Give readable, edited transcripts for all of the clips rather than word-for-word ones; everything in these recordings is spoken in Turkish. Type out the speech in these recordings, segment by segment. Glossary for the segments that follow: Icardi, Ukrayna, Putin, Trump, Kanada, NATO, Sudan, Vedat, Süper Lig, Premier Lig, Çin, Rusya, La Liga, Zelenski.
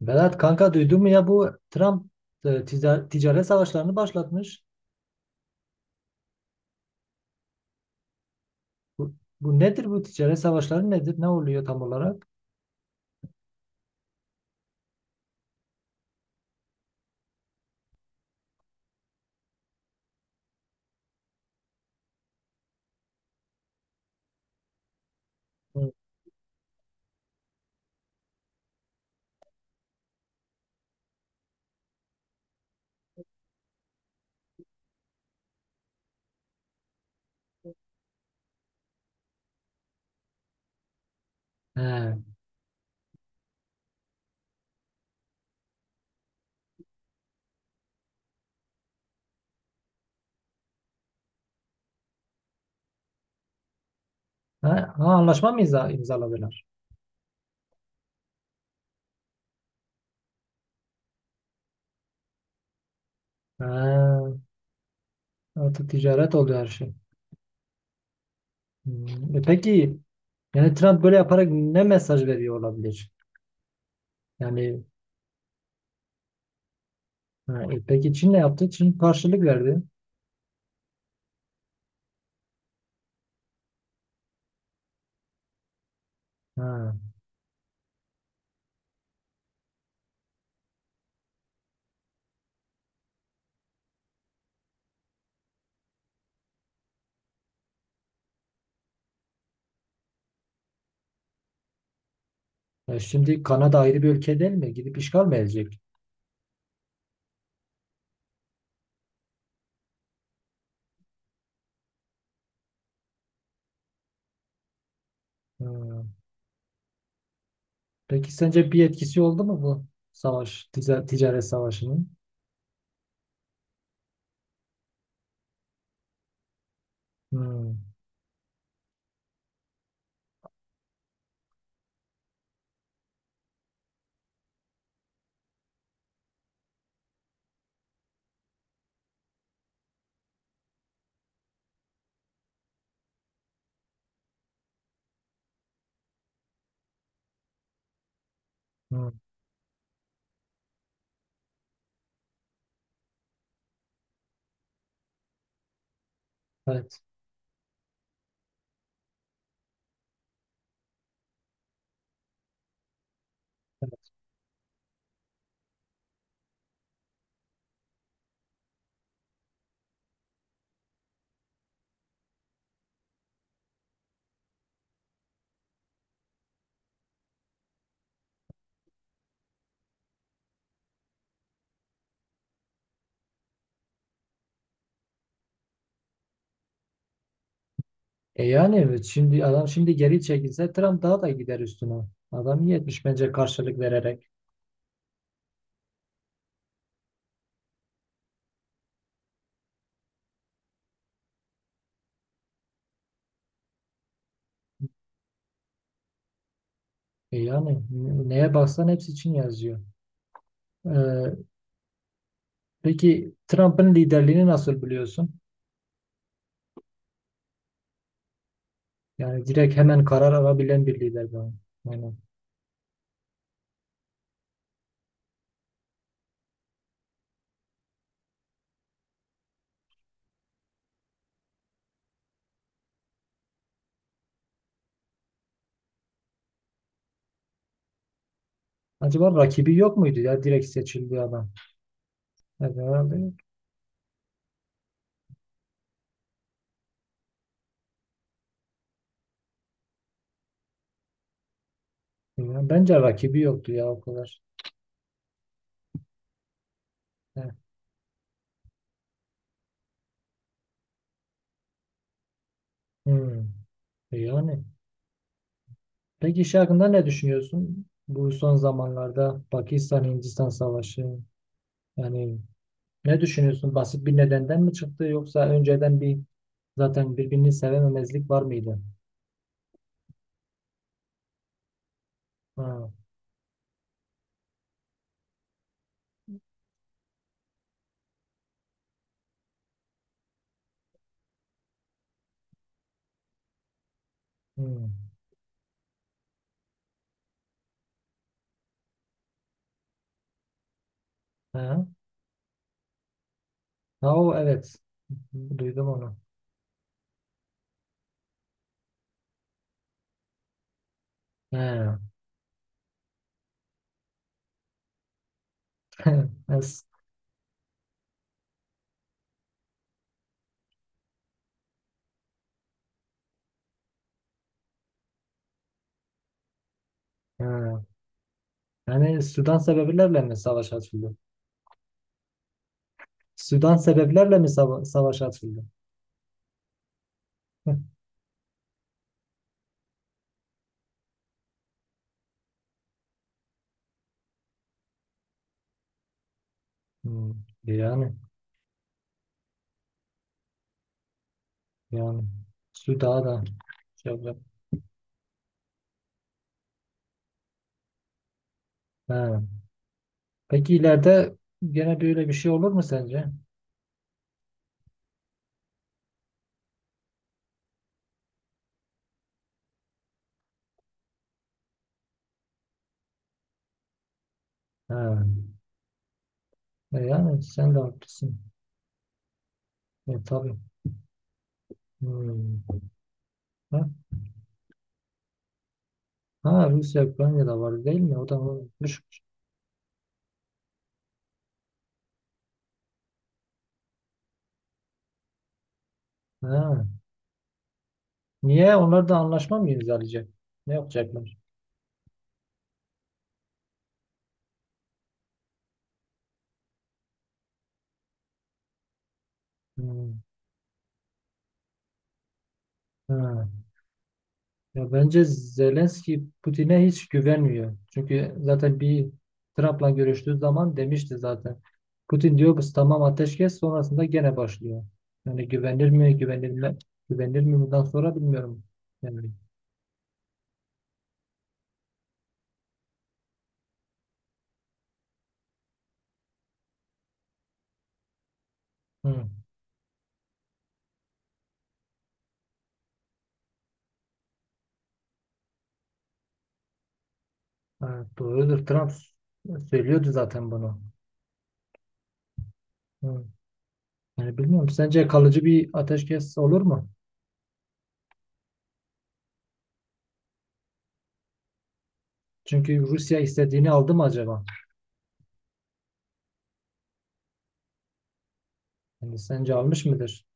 Berat kanka duydun mu ya bu Trump ticaret savaşlarını başlatmış. Bu, bu nedir bu ticaret savaşları nedir? Ne oluyor tam olarak? Hı. He. Ha, ha, anlaşma mı imzaladılar? Ha, artık ticaret oluyor her şey. Hmm, e peki yani Trump böyle yaparak ne mesaj veriyor olabilir? Yani ha, e peki Çin ne yaptı? Çin karşılık verdi. Ha. E şimdi Kanada ayrı bir ülke değil mi? Gidip işgal mi edecek? Ee, Peki sence bir etkisi oldu mu bu ticaret savaşının? Hmm. Hmm. Evet. E yani evet, şimdi adam şimdi geri çekilse Trump daha da gider üstüne. Adam iyi etmiş bence karşılık vererek. E yani neye baksan hepsi için yazıyor. Ee, peki Trump'ın liderliğini nasıl biliyorsun? Yani direkt hemen karar alabilen bir lider bu. Yani acaba rakibi yok muydu ya direkt seçildi adam? Evet, herhalde yok. Yani bence rakibi yoktu ya o kadar. Heh. Hmm. E, yani. Peki şey hakkında ne düşünüyorsun? Bu son zamanlarda Pakistan-Hindistan savaşı. Yani ne düşünüyorsun? Basit bir nedenden mi çıktı yoksa önceden bir zaten birbirini sevememezlik var mıydı? Ha. Hmm. Ha. Ha, o evet. Duydum onu. Ha. Es- ha. Yani Sudan sebeplerle mi savaş açıldı? Sudan sebeplerle mi savaş açıldı? Hmm. Yani yani Sudan'a da şey yapacak. He. Peki ileride gene böyle bir şey olur mu sence? Ha. E yani sen de haklısın. E, tabii. Hmm. Ha, ha Rusya Ukrayna'da var değil mi? O da olmuş. Ha. Niye? Onlar da anlaşma mı imzalayacak? Ne yapacaklar? Hmm. Ha. Ya bence Zelenski Putin'e hiç güvenmiyor. Çünkü zaten bir Trump'la görüştüğü zaman demişti zaten. Putin diyor biz tamam ateşkes sonrasında gene başlıyor. Yani güvenilir mi bundan sonra bilmiyorum. Yani, hı. Evet, doğrudur. Trump söylüyordu zaten bunu. Hı. Yani bilmiyorum. Sence kalıcı bir ateşkes olur mu? Çünkü Rusya istediğini aldı mı acaba? Yani sence almış mıdır?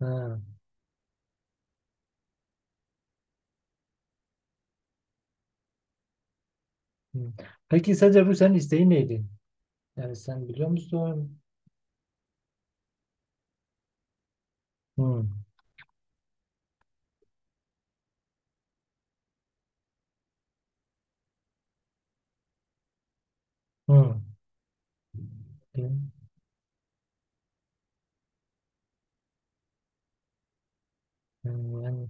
Ha. Hı. Peki sence Rusya'nın isteği neydi? Yani sen biliyor musun? Hı, hı. Değil yani,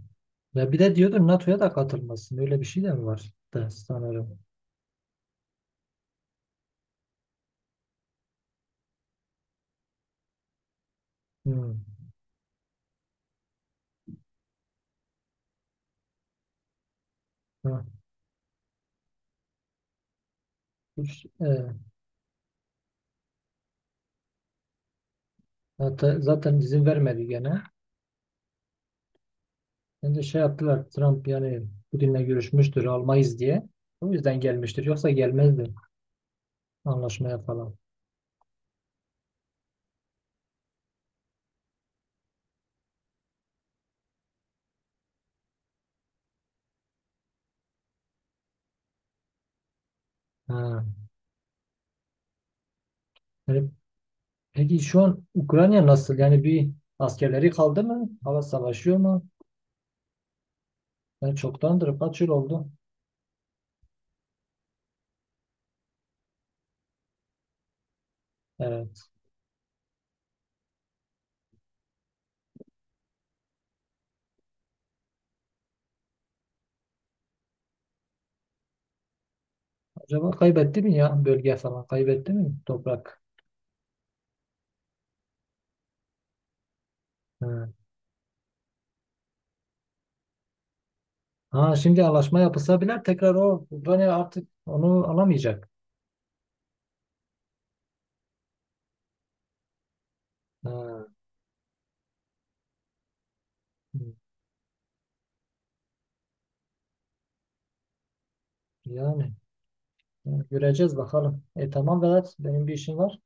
ya bir de diyordu NATO'ya da katılmasın. Öyle bir şey de mi var da sanırım. Hı, hı. Üç- e, hatta zaten izin vermedi gene. Ben de şey yaptılar Trump yani Putin'le görüşmüştür almayız diye. O yüzden gelmiştir. Yoksa gelmezdi anlaşmaya falan. Ha. Yani peki şu an Ukrayna nasıl? Yani bir askerleri kaldı mı? Hava savaşıyor mu? Yani çoktandır kaç yıl oldu? Evet. Acaba kaybetti mi ya bölge falan? Kaybetti mi toprak? Ha. Ha, şimdi anlaşma yapılsa bile tekrar o Ukrayna artık onu alamayacak. Ha. Yani, yani göreceğiz bakalım. E tamam Vedat benim bir işim var.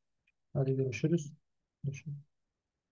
Hadi görüşürüz. Görüşürüz.